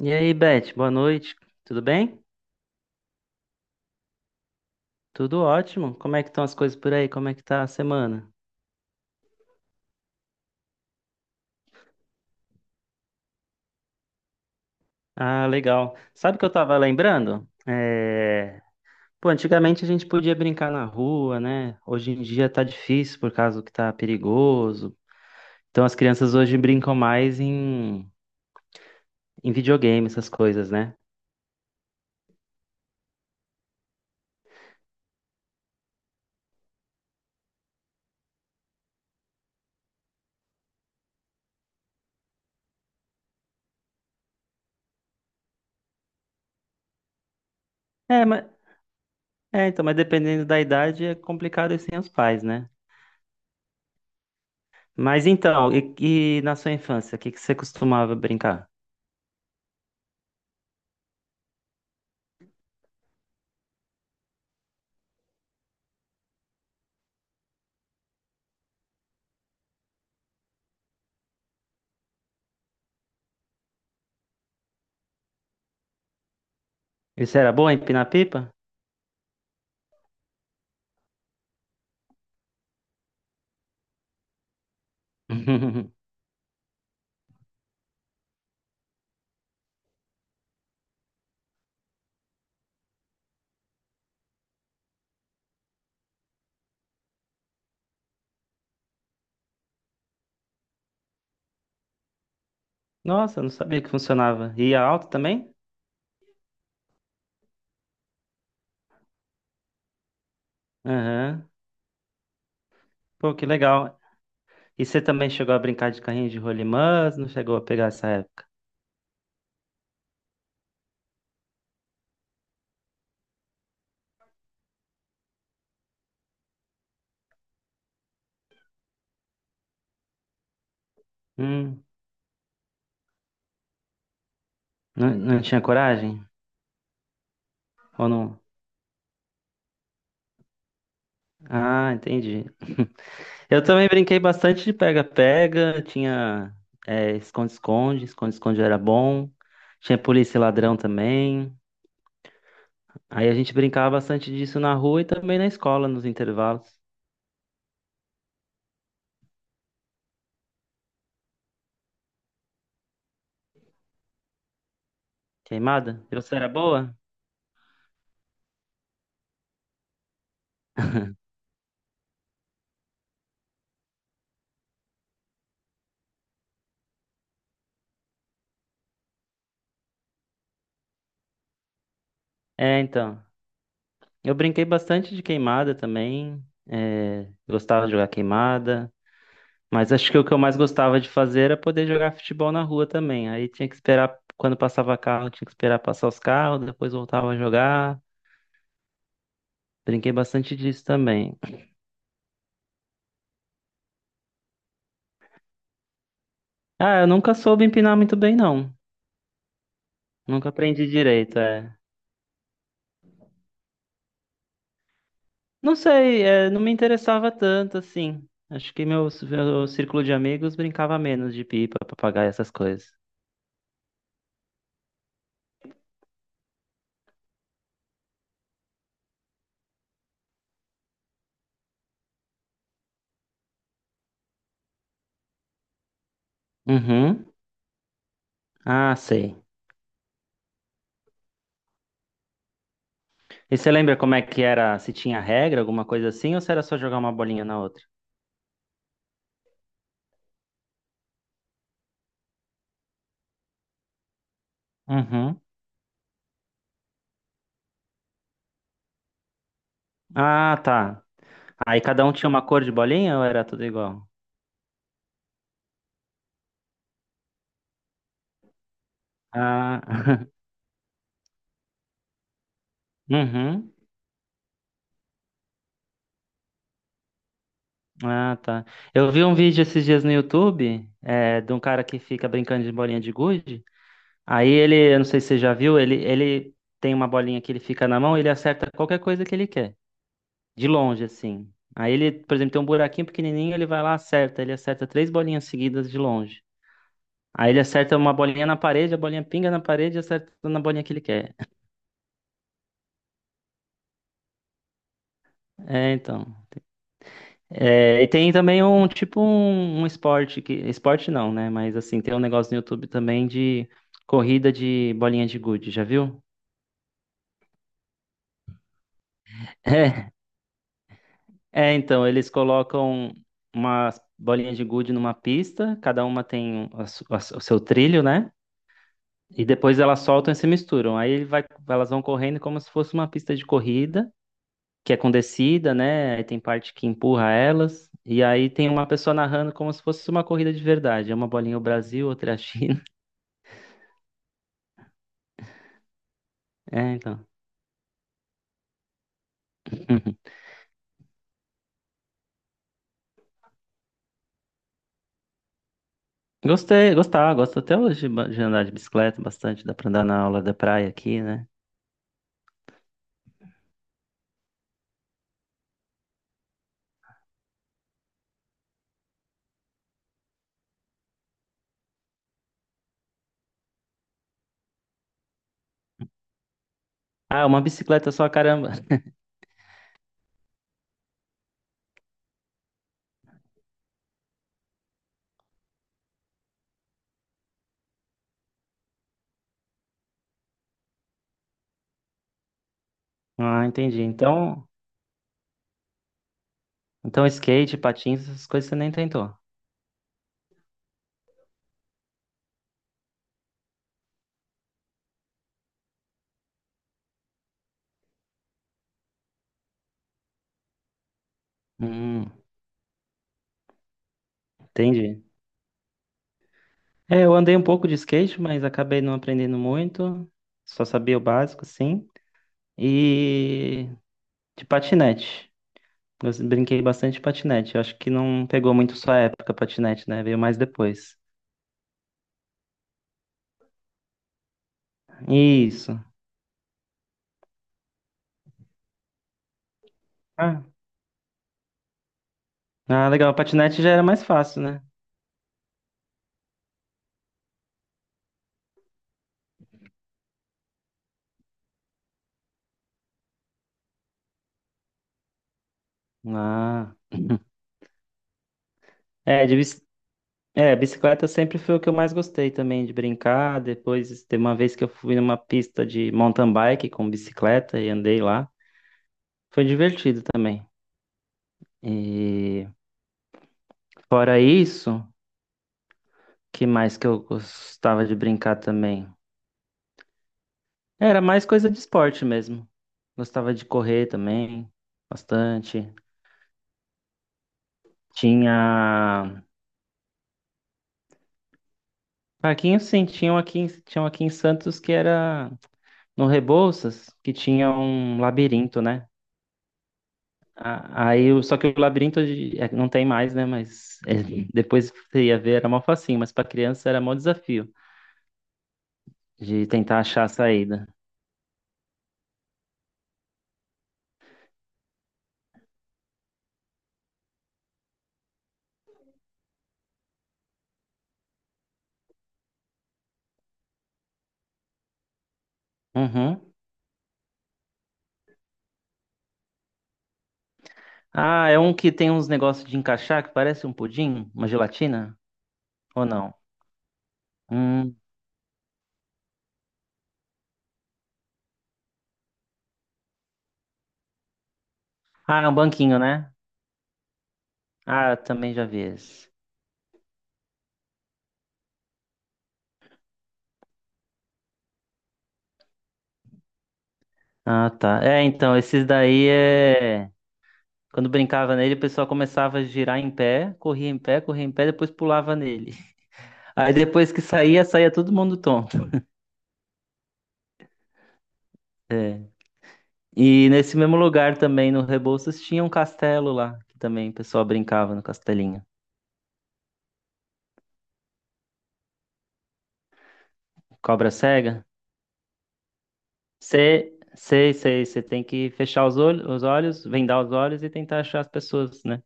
E aí, Beth, boa noite. Tudo bem? Tudo ótimo. Como é que estão as coisas por aí? Como é que tá a semana? Ah, legal. Sabe o que eu tava lembrando? Pô, antigamente a gente podia brincar na rua, né? Hoje em dia tá difícil por causa do que tá perigoso. Então as crianças hoje brincam mais em videogame, essas coisas, né? Mas mas dependendo da idade é complicado sem os pais, né? Mas então, e na sua infância, o que que você costumava brincar? Isso era bom, empinar pipa? Nossa, eu não sabia que funcionava. E a alta também? Aham. Pô, que legal. E você também chegou a brincar de carrinho de rolimãs? Não chegou a pegar essa época? Hum, não, não tinha coragem? Ou não? Ah, entendi. Eu também brinquei bastante de pega-pega, tinha esconde-esconde, esconde-esconde era bom, tinha polícia e ladrão também. Aí a gente brincava bastante disso na rua e também na escola, nos intervalos. Queimada? E você era boa? É, então. Eu brinquei bastante de queimada também. Gostava de jogar queimada. Mas acho que o que eu mais gostava de fazer era poder jogar futebol na rua também. Aí tinha que esperar, quando passava carro, tinha que esperar passar os carros, depois voltava a jogar. Brinquei bastante disso também. Ah, eu nunca soube empinar muito bem, não. Nunca aprendi direito, é. Não sei, é, não me interessava tanto assim. Acho que meu círculo de amigos brincava menos de pipa, papagaio, essas coisas. Uhum. Ah, sei. E você lembra como é que era? Se tinha regra, alguma coisa assim, ou se era só jogar uma bolinha na outra? Uhum. Ah, tá. Aí cada um tinha uma cor de bolinha ou era tudo igual? Ah, uhum. Ah, tá. Eu vi um vídeo esses dias no YouTube, de um cara que fica brincando de bolinha de gude. Aí ele, eu não sei se você já viu, ele tem uma bolinha que ele fica na mão, ele acerta qualquer coisa que ele quer, de longe assim. Aí ele, por exemplo, tem um buraquinho pequenininho, ele vai lá, acerta, ele acerta três bolinhas seguidas de longe. Aí ele acerta uma bolinha na parede, a bolinha pinga na parede e acerta na bolinha que ele quer. É, então. É, e tem também um tipo um esporte que. Esporte não, né? Mas assim, tem um negócio no YouTube também de corrida de bolinha de gude, já viu? Então, eles colocam umas bolinhas de gude numa pista, cada uma tem o, su- a su- o seu trilho, né? E depois elas soltam e se misturam. Aí ele vai, elas vão correndo como se fosse uma pista de corrida. Que é com descida, né? Aí tem parte que empurra elas. E aí tem uma pessoa narrando como se fosse uma corrida de verdade. É uma bolinha o Brasil, outra é a China. É, então. Uhum. Gostei, gostava, gosto até hoje de de andar de bicicleta bastante. Dá pra andar na aula da praia aqui, né? Ah, uma bicicleta só, caramba. Ah, entendi. Então, então skate, patins, essas coisas você nem tentou. Hum, entendi. É, eu andei um pouco de skate, mas acabei não aprendendo muito. Só sabia o básico, sim. E de patinete. Eu brinquei bastante de patinete. Eu acho que não pegou muito sua época, patinete, né? Veio mais depois. Isso. Ah, ah, legal. Patinete já era mais fácil, né? Ah. É, de bici... Bicicleta sempre foi o que eu mais gostei também de brincar. Depois, teve uma vez que eu fui numa pista de mountain bike com bicicleta e andei lá. Foi divertido também. E fora isso, que mais que eu gostava de brincar também? Era mais coisa de esporte mesmo. Gostava de correr também, bastante. Tinha parquinhos, sim, tinham aqui em Santos que era no Rebouças, que tinha um labirinto, né? Só que o labirinto não tem mais, né? Mas é, depois você ia ver, era mó facinho, mas pra criança era mó desafio de tentar achar a saída. Uhum. Ah, é um que tem uns negócios de encaixar que parece um pudim, uma gelatina? Ou não? Hum. Ah, é um banquinho, né? Ah, eu também já vi esse. Ah, tá. É, então, esses daí é. Quando brincava nele, o pessoal começava a girar em pé, corria em pé, corria em pé, depois pulava nele. Aí depois que saía, saía todo mundo tonto. É. E nesse mesmo lugar também, no Rebouças, tinha um castelo lá, que também o pessoal brincava no castelinho. Cobra cega? Você, sei, sei, você tem que fechar os olhos, vendar os olhos e tentar achar as pessoas, né?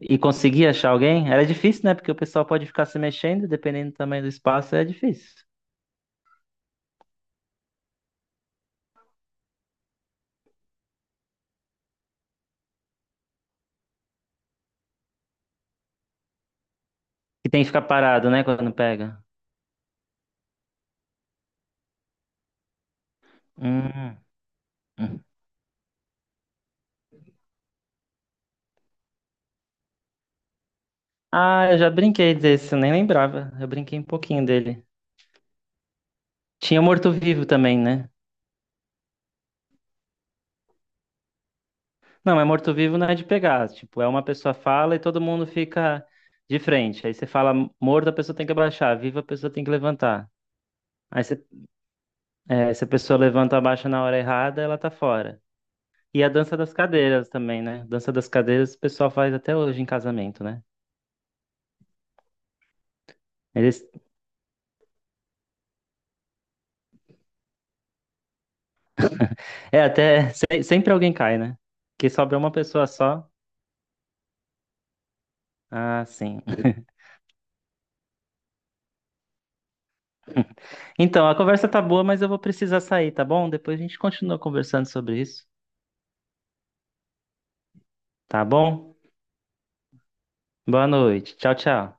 E conseguia achar alguém? Era difícil, né? Porque o pessoal pode ficar se mexendo, dependendo do tamanho do espaço, é difícil. E tem que ficar parado, né? Quando pega. Hum. Hum. Ah, eu já brinquei desse, eu nem lembrava. Eu brinquei um pouquinho dele. Tinha morto-vivo também, né? Não, é morto-vivo não é de pegar. Tipo, é uma pessoa fala e todo mundo fica de frente. Aí você fala morto, a pessoa tem que abaixar. Viva, a pessoa tem que levantar. Aí é, se a pessoa levanta ou abaixa na hora errada, ela tá fora. E a dança das cadeiras também, né? Dança das cadeiras o pessoal faz até hoje em casamento, né? Eles... É, até se- sempre alguém cai, né? Que sobra uma pessoa só. Ah, sim. Então, a conversa tá boa, mas eu vou precisar sair, tá bom? Depois a gente continua conversando sobre isso, tá bom? Boa noite. Tchau, tchau.